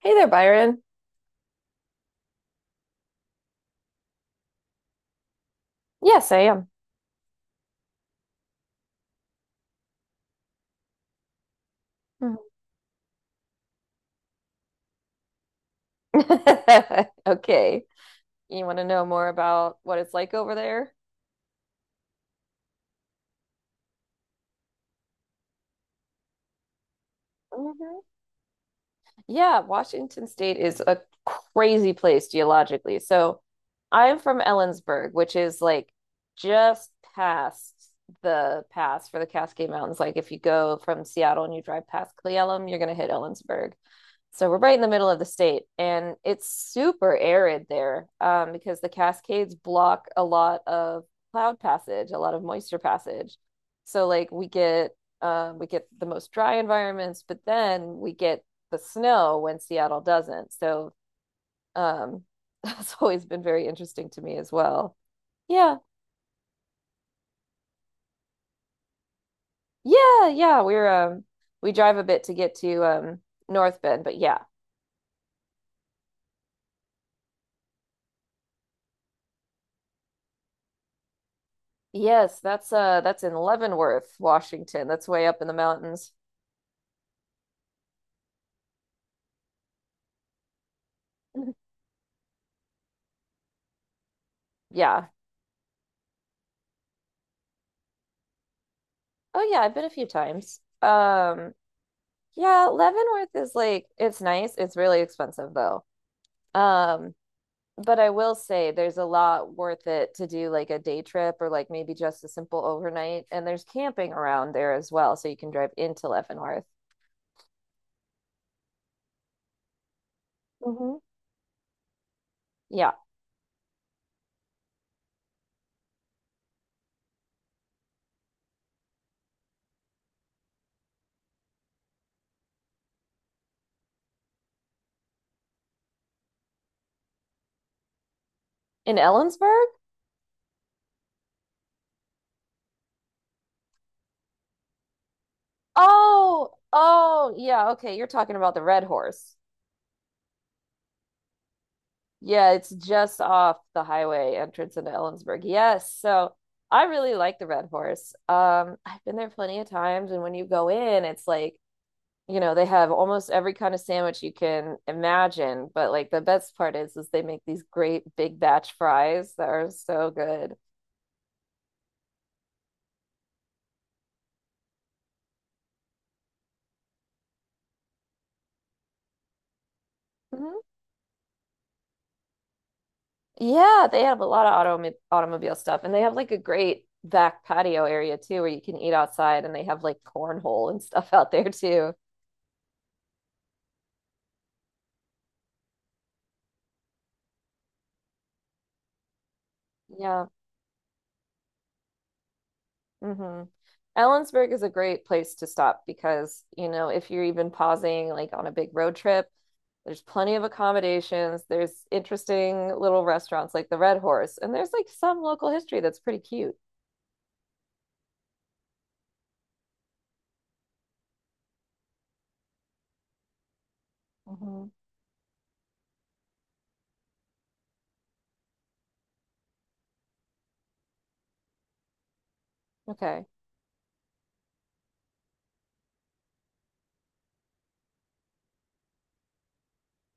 Hey there, Byron. Yes, I am. Mhm. Okay. You want to know more about what it's like over there? Yeah, Washington State is a crazy place geologically. So I'm from Ellensburg, which is like just past the pass for the Cascade Mountains. Like if you go from Seattle and you drive past Cleellum, you're going to hit Ellensburg. So we're right in the middle of the state, and it's super arid there because the Cascades block a lot of cloud passage, a lot of moisture passage. So like we get the most dry environments, but then we get the snow when Seattle doesn't. So um, that's always been very interesting to me as well. Yeah, yeah, yeah. We're we drive a bit to get to North Bend, but yeah, yes, that's in Leavenworth, Washington. That's way up in the mountains. Yeah. Oh yeah, I've been a few times. Yeah, Leavenworth is like it's nice. It's really expensive though. Um, but I will say there's a lot worth it to do like a day trip or like maybe just a simple overnight. And there's camping around there as well. So you can drive into Leavenworth. Hmm. Yeah. In Ellensburg? Oh, oh, yeah. Okay. You're talking about the Red Horse. Yeah. It's just off the highway entrance into Ellensburg. Yes. So I really like the Red Horse. I've been there plenty of times. And when you go in, it's like, you know, they have almost every kind of sandwich you can imagine, but like the best part is they make these great big batch fries that are so good. Mhm. Yeah, they have a lot of automobile stuff, and they have like a great back patio area too where you can eat outside, and they have like cornhole and stuff out there too. Yeah. Hmm. Ellensburg is a great place to stop because, you know, if you're even pausing like on a big road trip, there's plenty of accommodations. There's interesting little restaurants like the Red Horse, and there's like some local history that's pretty cute. Hmm. Okay.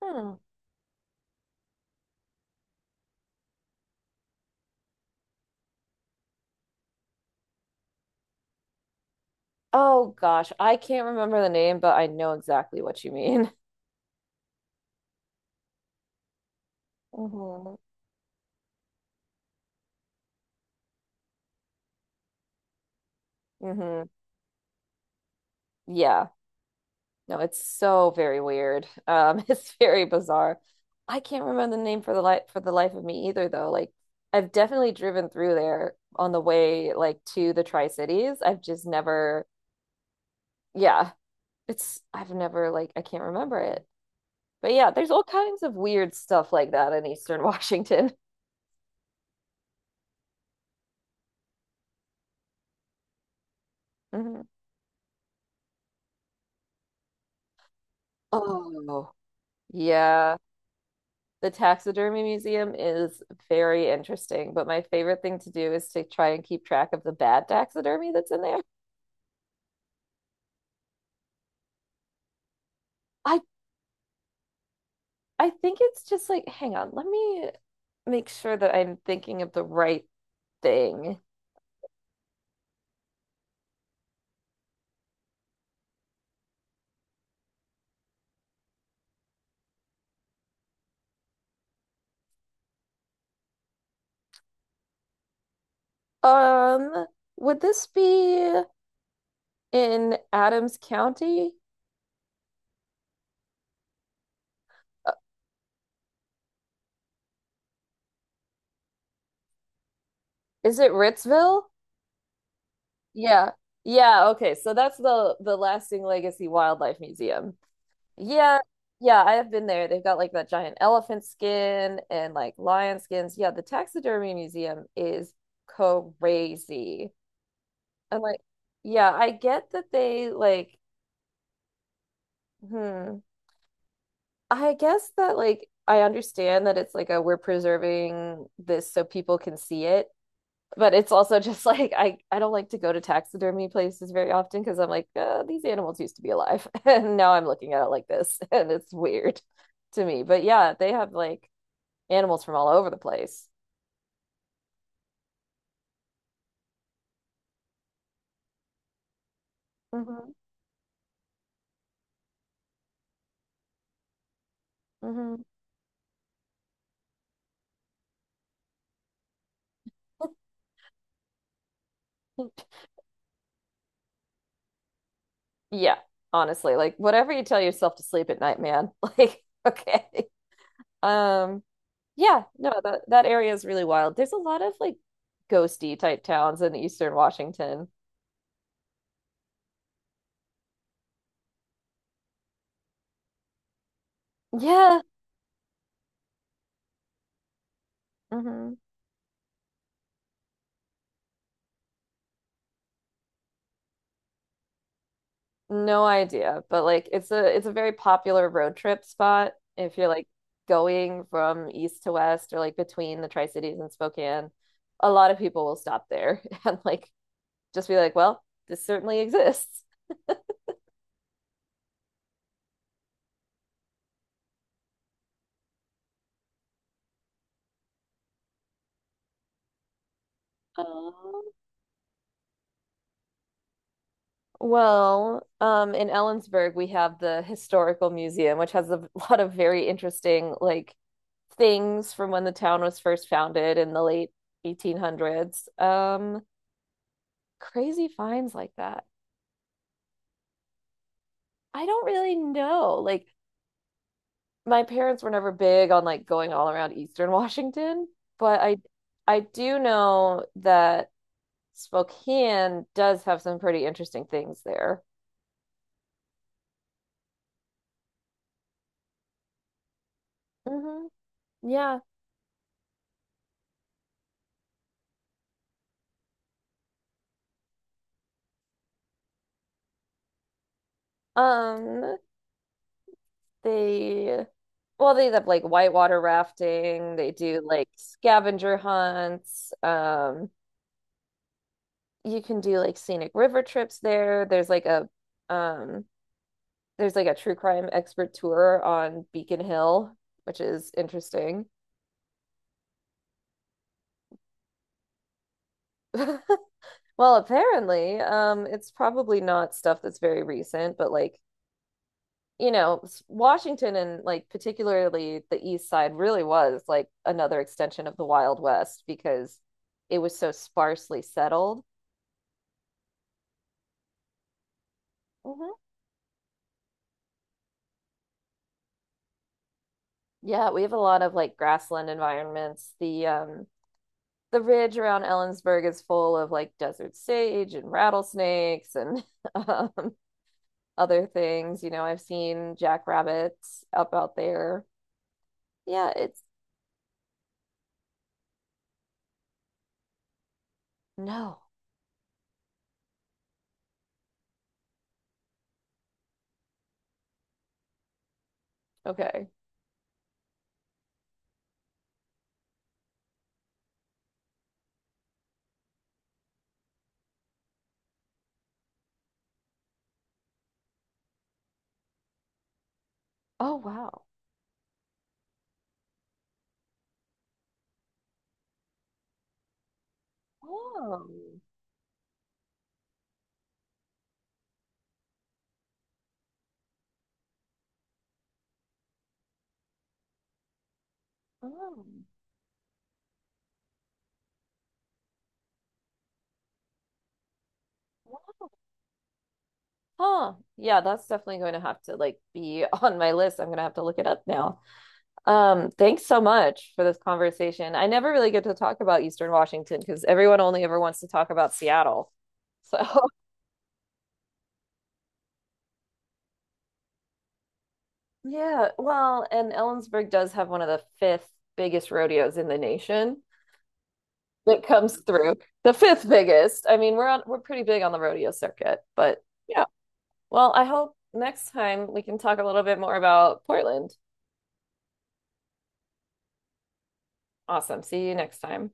Hmm. Oh gosh, I can't remember the name, but I know exactly what you mean. Hmm. Hmm. Yeah. No, it's so very weird. It's very bizarre. I can't remember the name for the life of me either, though. Like, I've definitely driven through there on the way, like to the Tri-Cities. I've just never, yeah, it's I've never like I can't remember it. But yeah, there's all kinds of weird stuff like that in Eastern Washington. Mhm. Oh, yeah. The taxidermy museum is very interesting, but my favorite thing to do is to try and keep track of the bad taxidermy that's in there. I I think it's just like, hang on, let me make sure that I'm thinking of the right thing. Um, would this be in Adams County? Uh, Is it Ritzville? Yeah. Yeah, okay. So that's the Lasting Legacy Wildlife Museum. Yeah. Yeah, I have been there. They've got like that giant elephant skin and like lion skins. Yeah, the taxidermy museum is crazy. I'm like, yeah, I get that they like, hmm. I guess that like I understand that it's like a we're preserving this so people can see it, but it's also just like I don't like to go to taxidermy places very often because I'm like these animals used to be alive and now I'm looking at it like this and it's weird to me. But yeah, they have like animals from all over the place. Hmm. Hmm. Yeah, honestly, like whatever you tell yourself to sleep at night, man. Like okay. Um, yeah, no, that area is really wild. There's a lot of like ghosty type towns in Eastern Washington. Yeah. Hmm. No idea, but like it's a very popular road trip spot if you're like going from east to west or like between the Tri-Cities and Spokane. A lot of people will stop there and like just be like, well, this certainly exists. Um, well, in Ellensburg we have the historical museum, which has a lot of very interesting like things from when the town was first founded in the late 1800s. Crazy finds like that. I don't really know. Like my parents were never big on like going all around Eastern Washington, but I do know that Spokane does have some pretty interesting things there. Hmm. Yeah. Um, they well, they have like whitewater rafting, they do like scavenger hunts. You can do like scenic river trips there. There's like a um there's like a true crime expert tour on Beacon Hill, which is interesting. Well, apparently, it's probably not stuff that's very recent, but like, you know, Washington and like particularly the East Side really was like another extension of the Wild West because it was so sparsely settled. Mhm. Yeah, we have a lot of like grassland environments. The the ridge around Ellensburg is full of like desert sage and rattlesnakes and um other things. You know, I've seen jackrabbits up out there. Yeah, it's no. Okay. Oh, wow. Oh, oh, wow. Huh. Yeah, that's definitely going to have to like be on my list. I'm going to have to look it up now. Thanks so much for this conversation. I never really get to talk about Eastern Washington because everyone only ever wants to talk about Seattle. So, yeah, well, and Ellensburg does have one of the fifth biggest rodeos in the nation that comes through. The fifth biggest. I mean, we're pretty big on the rodeo circuit, but yeah. Well, I hope next time we can talk a little bit more about Portland. Awesome. See you next time.